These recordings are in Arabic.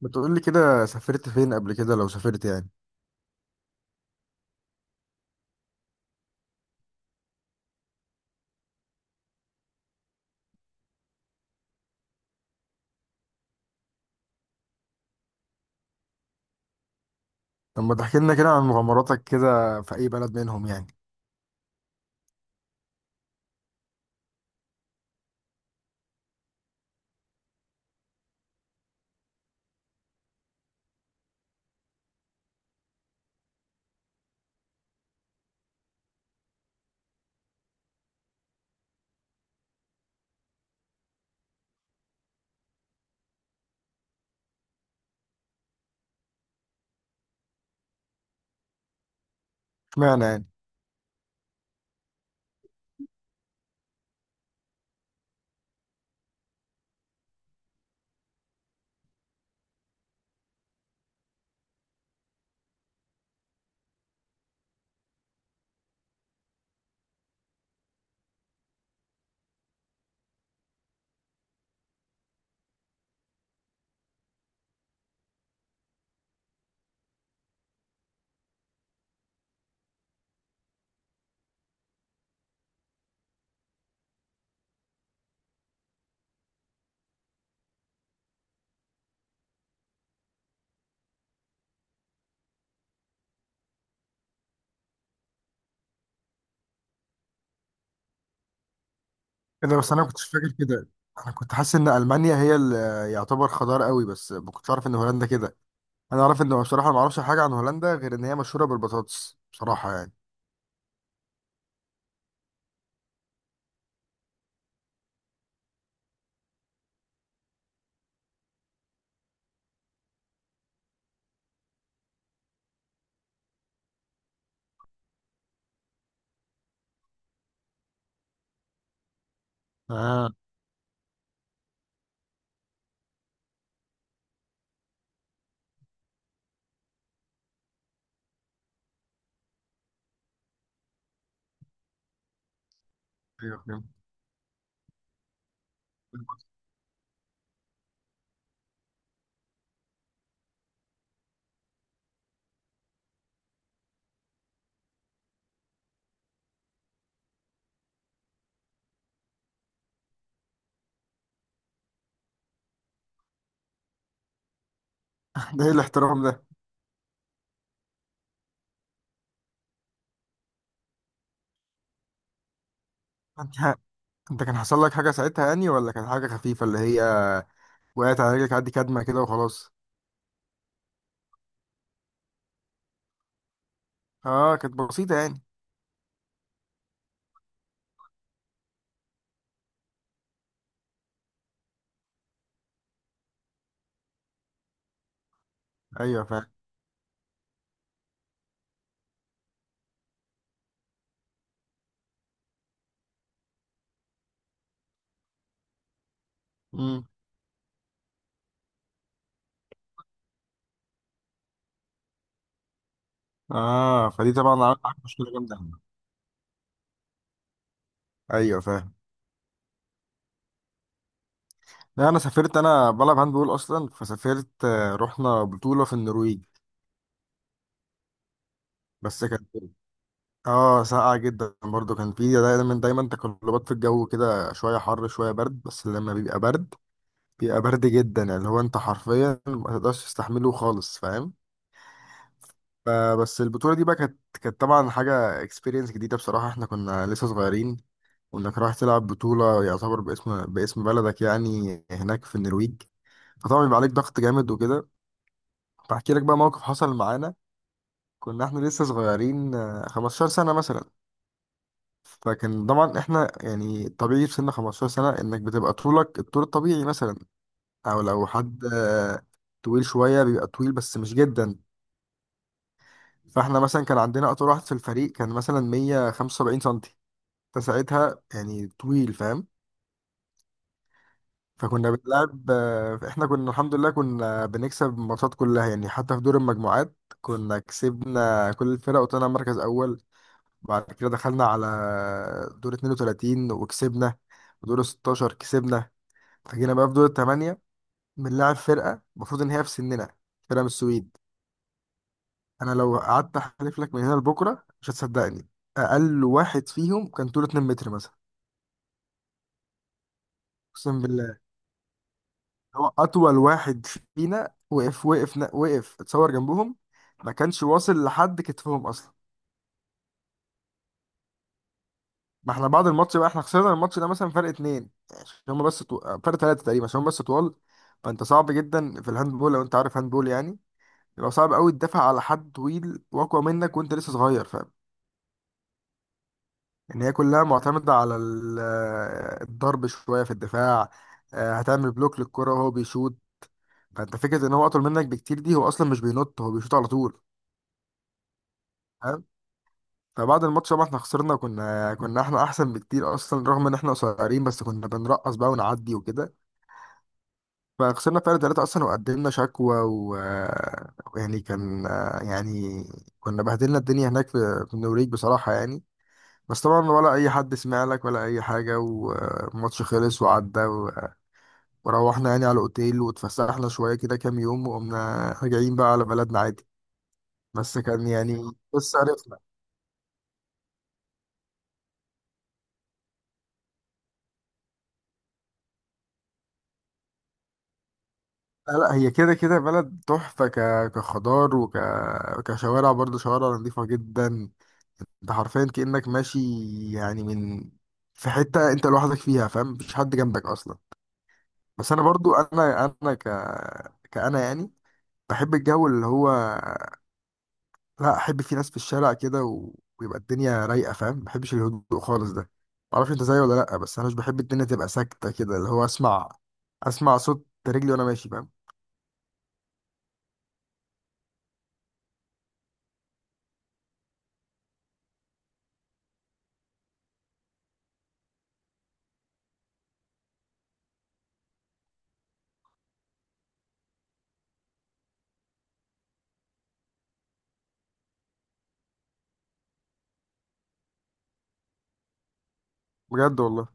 بتقول لي كده سافرت فين قبل كده لو سافرت يعني؟ طب ما تحكي لنا كده عن مغامراتك كده في اي بلد منهم يعني. اشمعنى يعني؟ كده بس انا والله كنتش فاكر كده. انا كنت حاسس ان المانيا هي اللي يعتبر خضار قوي، بس ما كنتش عارف ان هولندا كده. انا عارف ان، بصراحه، ما اعرفش حاجه عن هولندا غير ان هي مشهوره بالبطاطس بصراحه يعني. اه، ايوه فهمت. ده ايه الاحترام ده؟ انت، انت كان حصل لك حاجه ساعتها يعني، ولا كانت حاجه خفيفه اللي هي وقعت على رجلك عادي، كدمه كده وخلاص؟ اه كانت بسيطه يعني. ايوه فاهم. اه، فدي طبعا عملت معاك مشكله جامده أوي. ايوه فاهم. لا، انا سافرت، انا بلعب هاند بول اصلا، فسافرت رحنا بطوله في النرويج. بس كانت، اه، ساقعه جدا برضو، كان في دايما تقلبات في الجو كده، شويه حر شويه برد، بس لما بيبقى برد بيبقى برد جدا، يعني اللي هو انت حرفيا ما تقدرش تستحمله خالص، فاهم؟ ف- بس البطوله دي بقى كانت طبعا حاجه اكسبيرينس جديده بصراحه، احنا كنا لسه صغيرين. وانك رايح تلعب بطولة يعتبر باسم بلدك يعني هناك في النرويج، فطبعا بيبقى عليك ضغط جامد وكده. فاحكي لك بقى موقف حصل معانا. كنا احنا لسه صغيرين، 15 سنة مثلا. فكان طبعا احنا يعني طبيعي في سن 15 سنة انك بتبقى طولك الطول الطبيعي مثلا، او لو حد، طويل شوية بيبقى طويل بس مش جدا. فاحنا مثلا كان عندنا اطول واحد في الفريق كان مثلا 175 سنتي، فساعتها يعني طويل، فاهم؟ فكنا بنلعب، احنا كنا الحمد لله كنا بنكسب الماتشات كلها يعني، حتى في دور المجموعات كنا كسبنا كل الفرق وطلعنا مركز اول. بعد كده دخلنا على دور 32 وكسبنا، ودور 16 كسبنا، فجينا بقى في دور الثمانية بنلعب فرقة المفروض ان هي في سننا، فرقة من السويد. انا لو قعدت احلف لك من هنا لبكرة مش هتصدقني، اقل واحد فيهم كان طوله 2 متر مثلا. اقسم بالله. هو اطول واحد فينا وقف اتصور جنبهم، ما كانش واصل لحد كتفهم اصلا. ما احنا بعد الماتش بقى، احنا خسرنا الماتش ده مثلا فرق اتنين عشان هم بس فرق تلاتة تقريبا عشان هم بس طوال. فانت صعب جدا في الهاند بول، لو انت عارف هاند بول يعني، يبقى صعب قوي تدافع على حد طويل واقوى منك وانت لسه صغير، فاهم؟ ان هي كلها معتمدة على الضرب شوية في الدفاع، هتعمل بلوك للكرة وهو بيشوط. فانت فكرة ان هو اطول منك بكتير دي، هو اصلا مش بينط، هو بيشوط على طول. فبعد الماتش طبعا احنا خسرنا، كنا احنا احسن بكتير اصلا رغم ان احنا قصيرين، بس كنا بنرقص بقى ونعدي وكده. فخسرنا فرق ثلاثة اصلا، وقدمنا شكوى و يعني كان يعني كنا بهدلنا الدنيا هناك في النوريج بصراحة يعني، بس طبعا ولا اي حد سمع لك ولا اي حاجة، والماتش خلص وعدى وروحنا يعني على الاوتيل واتفسحنا شوية كده كام يوم، وقمنا راجعين بقى على بلدنا عادي. بس كان يعني بس عرفنا لا لا، هي كده كده بلد تحفة، كخضار، كشوارع برضه، شوارع نظيفة جدا. انت حرفيا كأنك ماشي، يعني من في حتة انت لوحدك فيها، فاهم؟ مفيش حد جنبك اصلا. بس انا برضو، انا انا ك كأنا يعني بحب الجو اللي هو، لا، احب فيه ناس في الشارع كده و... ويبقى الدنيا رايقة، فاهم؟ ما بحبش الهدوء خالص ده، معرفش انت زيي ولا لا، بس انا مش بحب الدنيا تبقى ساكتة كده، اللي هو اسمع صوت رجلي وانا ماشي، فاهم؟ بجد والله؟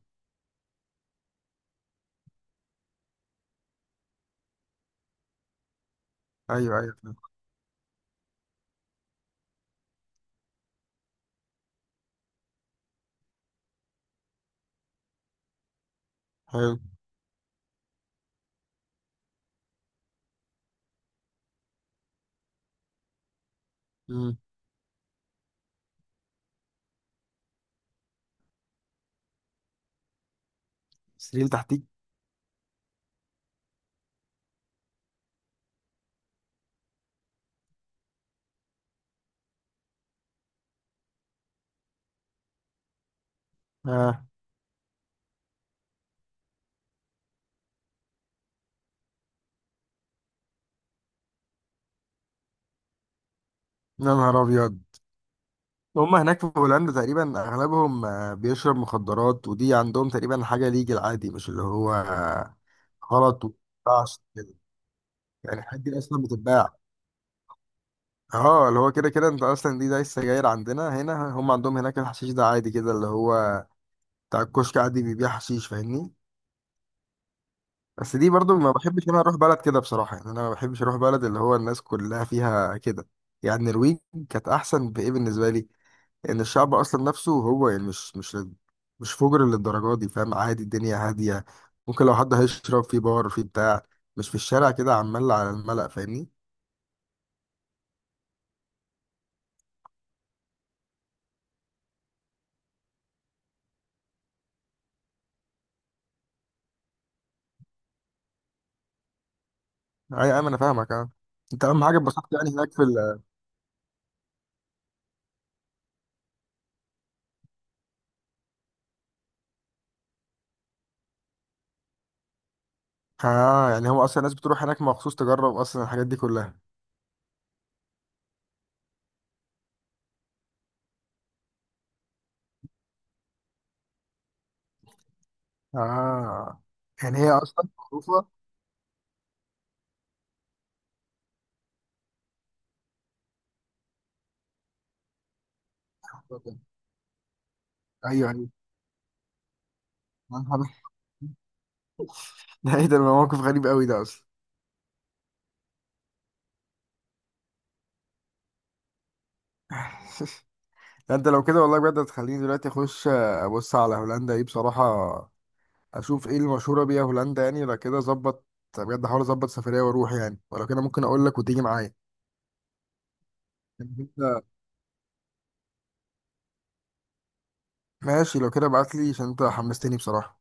ايوه ايوه فاهم. حلو. مم. مصريين تحتيك. آه. يا نهار ابيض، هم هناك في هولندا تقريبا اغلبهم، بيشرب مخدرات، ودي عندهم تقريبا حاجه ليجل عادي، مش اللي هو غلط وما ينفعش كده. يعني الحاجات دي اصلا بتتباع؟ اه، اللي هو كده كده انت اصلا دي زي السجاير عندنا هنا، هم عندهم هناك الحشيش ده عادي كده، اللي هو بتاع الكشك عادي بيبيع حشيش، فاهمني؟ بس دي برضو ما بحبش إن انا اروح بلد كده بصراحه يعني، انا ما بحبش اروح بلد اللي هو الناس كلها فيها كده. يعني النرويج كانت احسن بايه بالنسبه لي، يعني الشعب اصلا نفسه هو يعني مش مش فجر للدرجه دي، فاهم؟ عادي، الدنيا هاديه. ممكن لو حد هيشرب في بار، في بتاع، مش في الشارع كده عمال على الملأ، فاهمني؟ اي ايوه انا فاهمك اه. انت اهم حاجه اتبسطت يعني هناك في ال، اه. يعني هو اصلا الناس بتروح هناك مخصوص تجرب اصلا الحاجات دي كلها. اه، يعني هي اصلا معروفه. ايوه ايوه. يا نهار أبيض. ده ايه ده، موقف غريب قوي ده اصلا. ده انت لو كده والله بجد هتخليني دلوقتي اخش، ابص على هولندا دي بصراحه، اشوف ايه المشهوره بيها هولندا يعني. لو كده ظبط بجد، احاول اظبط سفريه واروح يعني، ولو كده ممكن اقول لك وتيجي معايا. يعني انت ماشي، لو كده ابعت لي، عشان انت حمستني بصراحه.